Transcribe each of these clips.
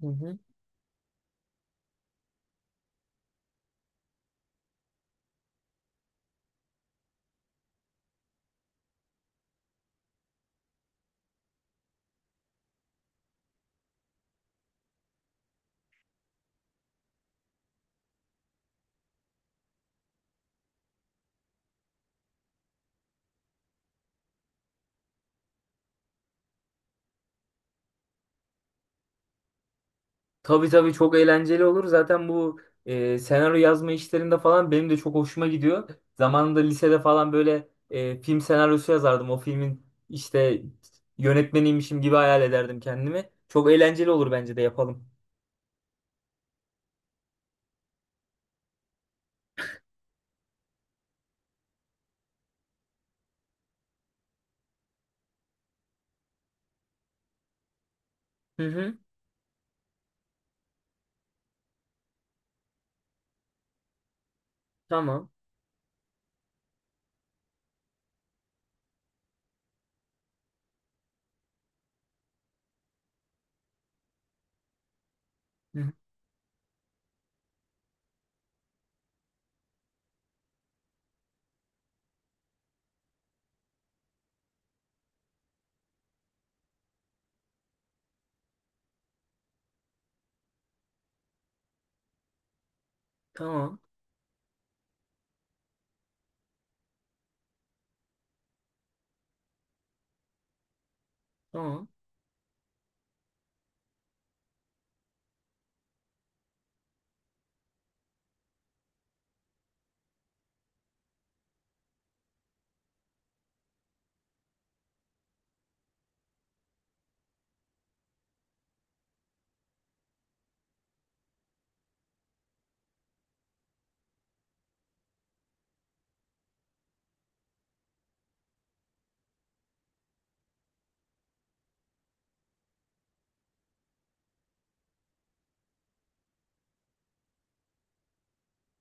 Hı hı. Tabii tabii, çok eğlenceli olur. Zaten bu senaryo yazma işlerinde falan benim de çok hoşuma gidiyor. Zamanında lisede falan böyle film senaryosu yazardım. O filmin işte yönetmeniymişim gibi hayal ederdim kendimi. Çok eğlenceli olur, bence de yapalım. Hı hı. Tamam. Hı hı. Tamam. Tamam.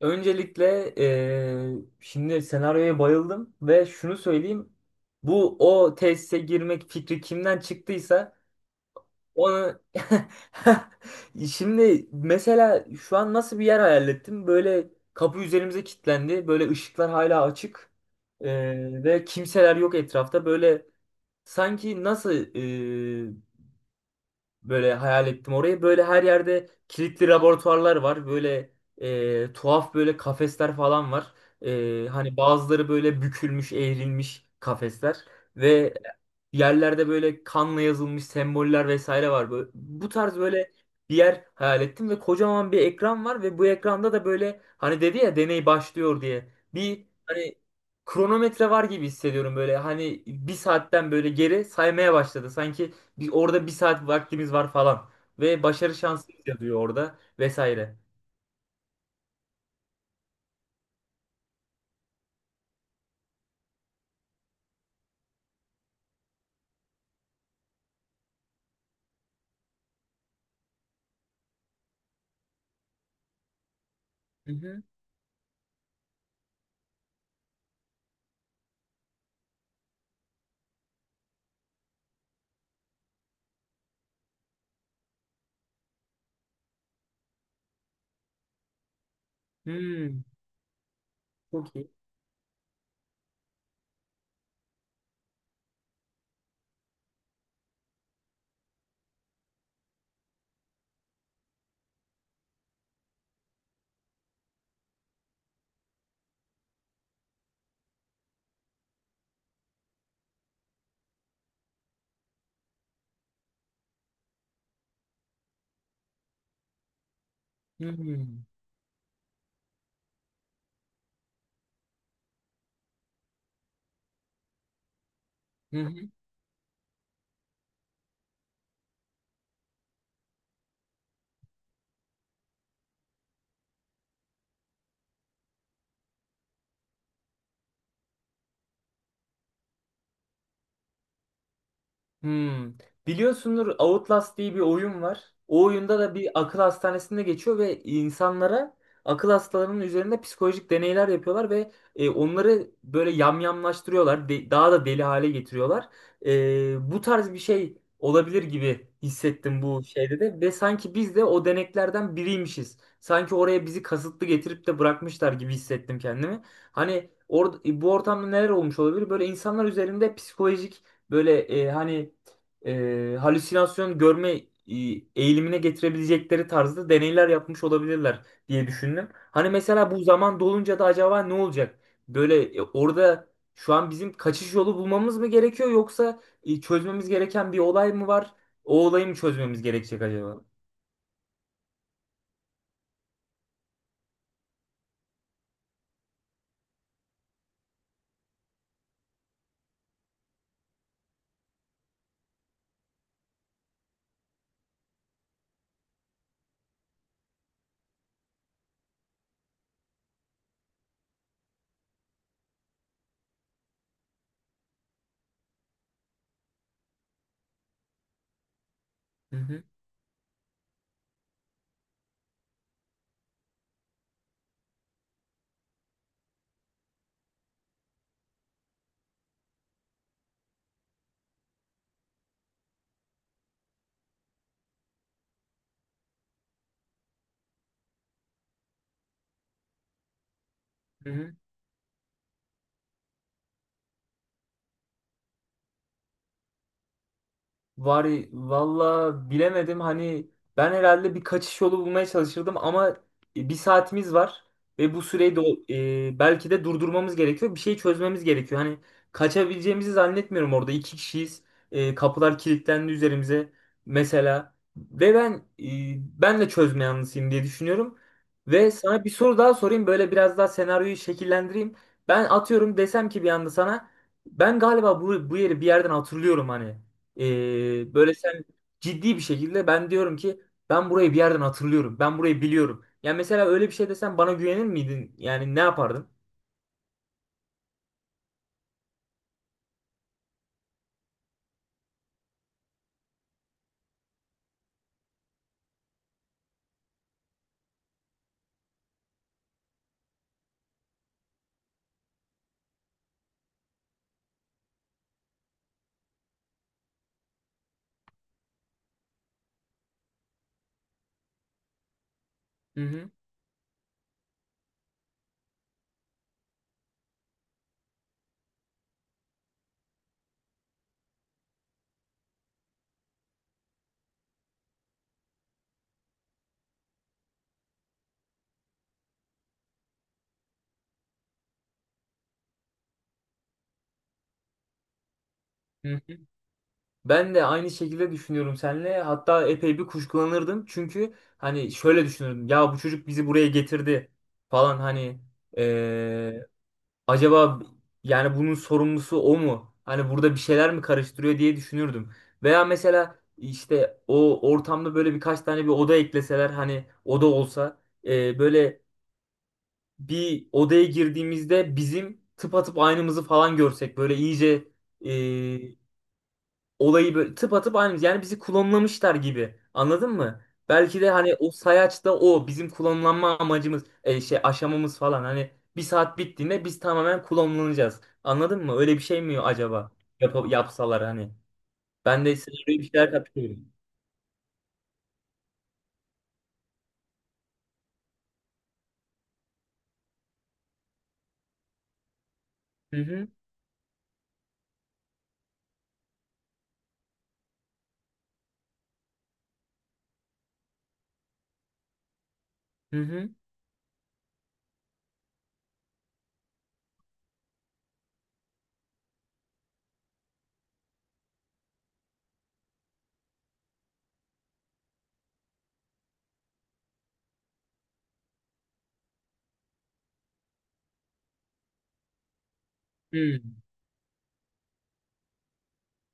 Öncelikle şimdi senaryoya bayıldım ve şunu söyleyeyim. Bu, o tesise girmek fikri kimden çıktıysa onu... Şimdi mesela şu an nasıl bir yer hayal ettim? Böyle kapı üzerimize kilitlendi. Böyle ışıklar hala açık. Ve kimseler yok etrafta. Böyle, sanki nasıl, böyle hayal ettim orayı. Böyle her yerde kilitli laboratuvarlar var. Böyle tuhaf böyle kafesler falan var. E, hani bazıları böyle bükülmüş, eğrilmiş kafesler. Ve yerlerde böyle kanla yazılmış semboller vesaire var. Böyle, bu tarz böyle bir yer hayal ettim ve kocaman bir ekran var ve bu ekranda da böyle, hani dedi ya deney başlıyor diye, bir hani kronometre var gibi hissediyorum. Böyle hani bir saatten böyle geri saymaya başladı. Sanki bir, orada bir saat vaktimiz var falan. Ve başarı şansı yazıyor orada vesaire. Hı hı. Hmm, çok iyi. Hmm. Hı hı. Hı. Hmm. Biliyorsundur, Outlast diye bir oyun var. O oyunda da bir akıl hastanesinde geçiyor ve insanlara, akıl hastalarının üzerinde psikolojik deneyler yapıyorlar ve onları böyle yamyamlaştırıyorlar. Daha da deli hale getiriyorlar. E, bu tarz bir şey olabilir gibi hissettim bu şeyde de ve sanki biz de o deneklerden biriymişiz. Sanki oraya bizi kasıtlı getirip de bırakmışlar gibi hissettim kendimi. Hani or bu ortamda neler olmuş olabilir? Böyle insanlar üzerinde psikolojik, böyle, hani halüsinasyon görme eğilimine getirebilecekleri tarzda deneyler yapmış olabilirler diye düşündüm. Hani mesela bu zaman dolunca da acaba ne olacak? Böyle orada şu an bizim kaçış yolu bulmamız mı gerekiyor, yoksa çözmemiz gereken bir olay mı var? O olayı mı çözmemiz gerekecek acaba? Hı hı. Hı hı. Var, valla bilemedim. Hani ben herhalde bir kaçış yolu bulmaya çalışırdım ama bir saatimiz var ve bu süreyi de belki de durdurmamız gerekiyor. Bir şey çözmemiz gerekiyor. Hani kaçabileceğimizi zannetmiyorum, orada iki kişiyiz. E, kapılar kilitlendi üzerimize mesela ve e, ben de çözme yanlısıyım diye düşünüyorum. Ve sana bir soru daha sorayım, böyle biraz daha senaryoyu şekillendireyim. Ben atıyorum, desem ki bir anda sana, ben galiba bu yeri bir yerden hatırlıyorum hani. Böyle sen, ciddi bir şekilde ben diyorum ki ben burayı bir yerden hatırlıyorum. Ben burayı biliyorum. Yani mesela öyle bir şey desen bana, güvenir miydin? Yani ne yapardın? Hı hı. Hı hı. Ben de aynı şekilde düşünüyorum seninle. Hatta epey bir kuşkulanırdım. Çünkü hani şöyle düşünürdüm. Ya bu çocuk bizi buraya getirdi falan, hani acaba yani bunun sorumlusu o mu? Hani burada bir şeyler mi karıştırıyor diye düşünürdüm. Veya mesela işte o ortamda böyle birkaç tane bir oda ekleseler, hani oda olsa, böyle bir odaya girdiğimizde bizim tıpatıp aynımızı falan görsek, böyle iyice e, olayı böyle tıpatıp aynı, yani bizi klonlamışlar gibi. Anladın mı? Belki de hani o sayaçta o bizim klonlanma amacımız, şey aşamamız falan, hani bir saat bittiğinde biz tamamen klonlanacağız. Anladın mı? Öyle bir şey mi acaba? Yap yapsalar hani. Ben de size öyle bir şeyler katılıyorum. Hı hı. Hı hı. Hı.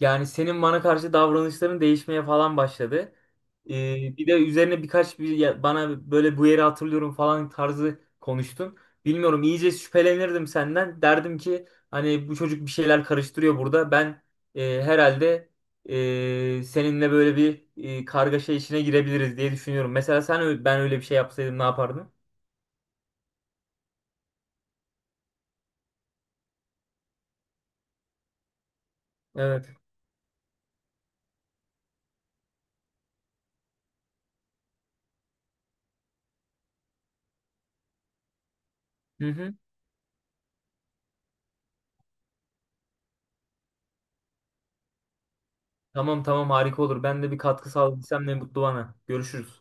Yani senin bana karşı davranışların değişmeye falan başladı. Bir de üzerine birkaç bana böyle bu yeri hatırlıyorum falan tarzı konuştun. Bilmiyorum, iyice şüphelenirdim senden. Derdim ki hani bu çocuk bir şeyler karıştırıyor burada. Ben herhalde seninle böyle bir kargaşa içine girebiliriz diye düşünüyorum. Mesela ben öyle bir şey yapsaydım ne yapardın? Evet. Hı hı. Tamam tamam, harika olur. Ben de bir katkı sağladıysam ne mutlu bana. Görüşürüz.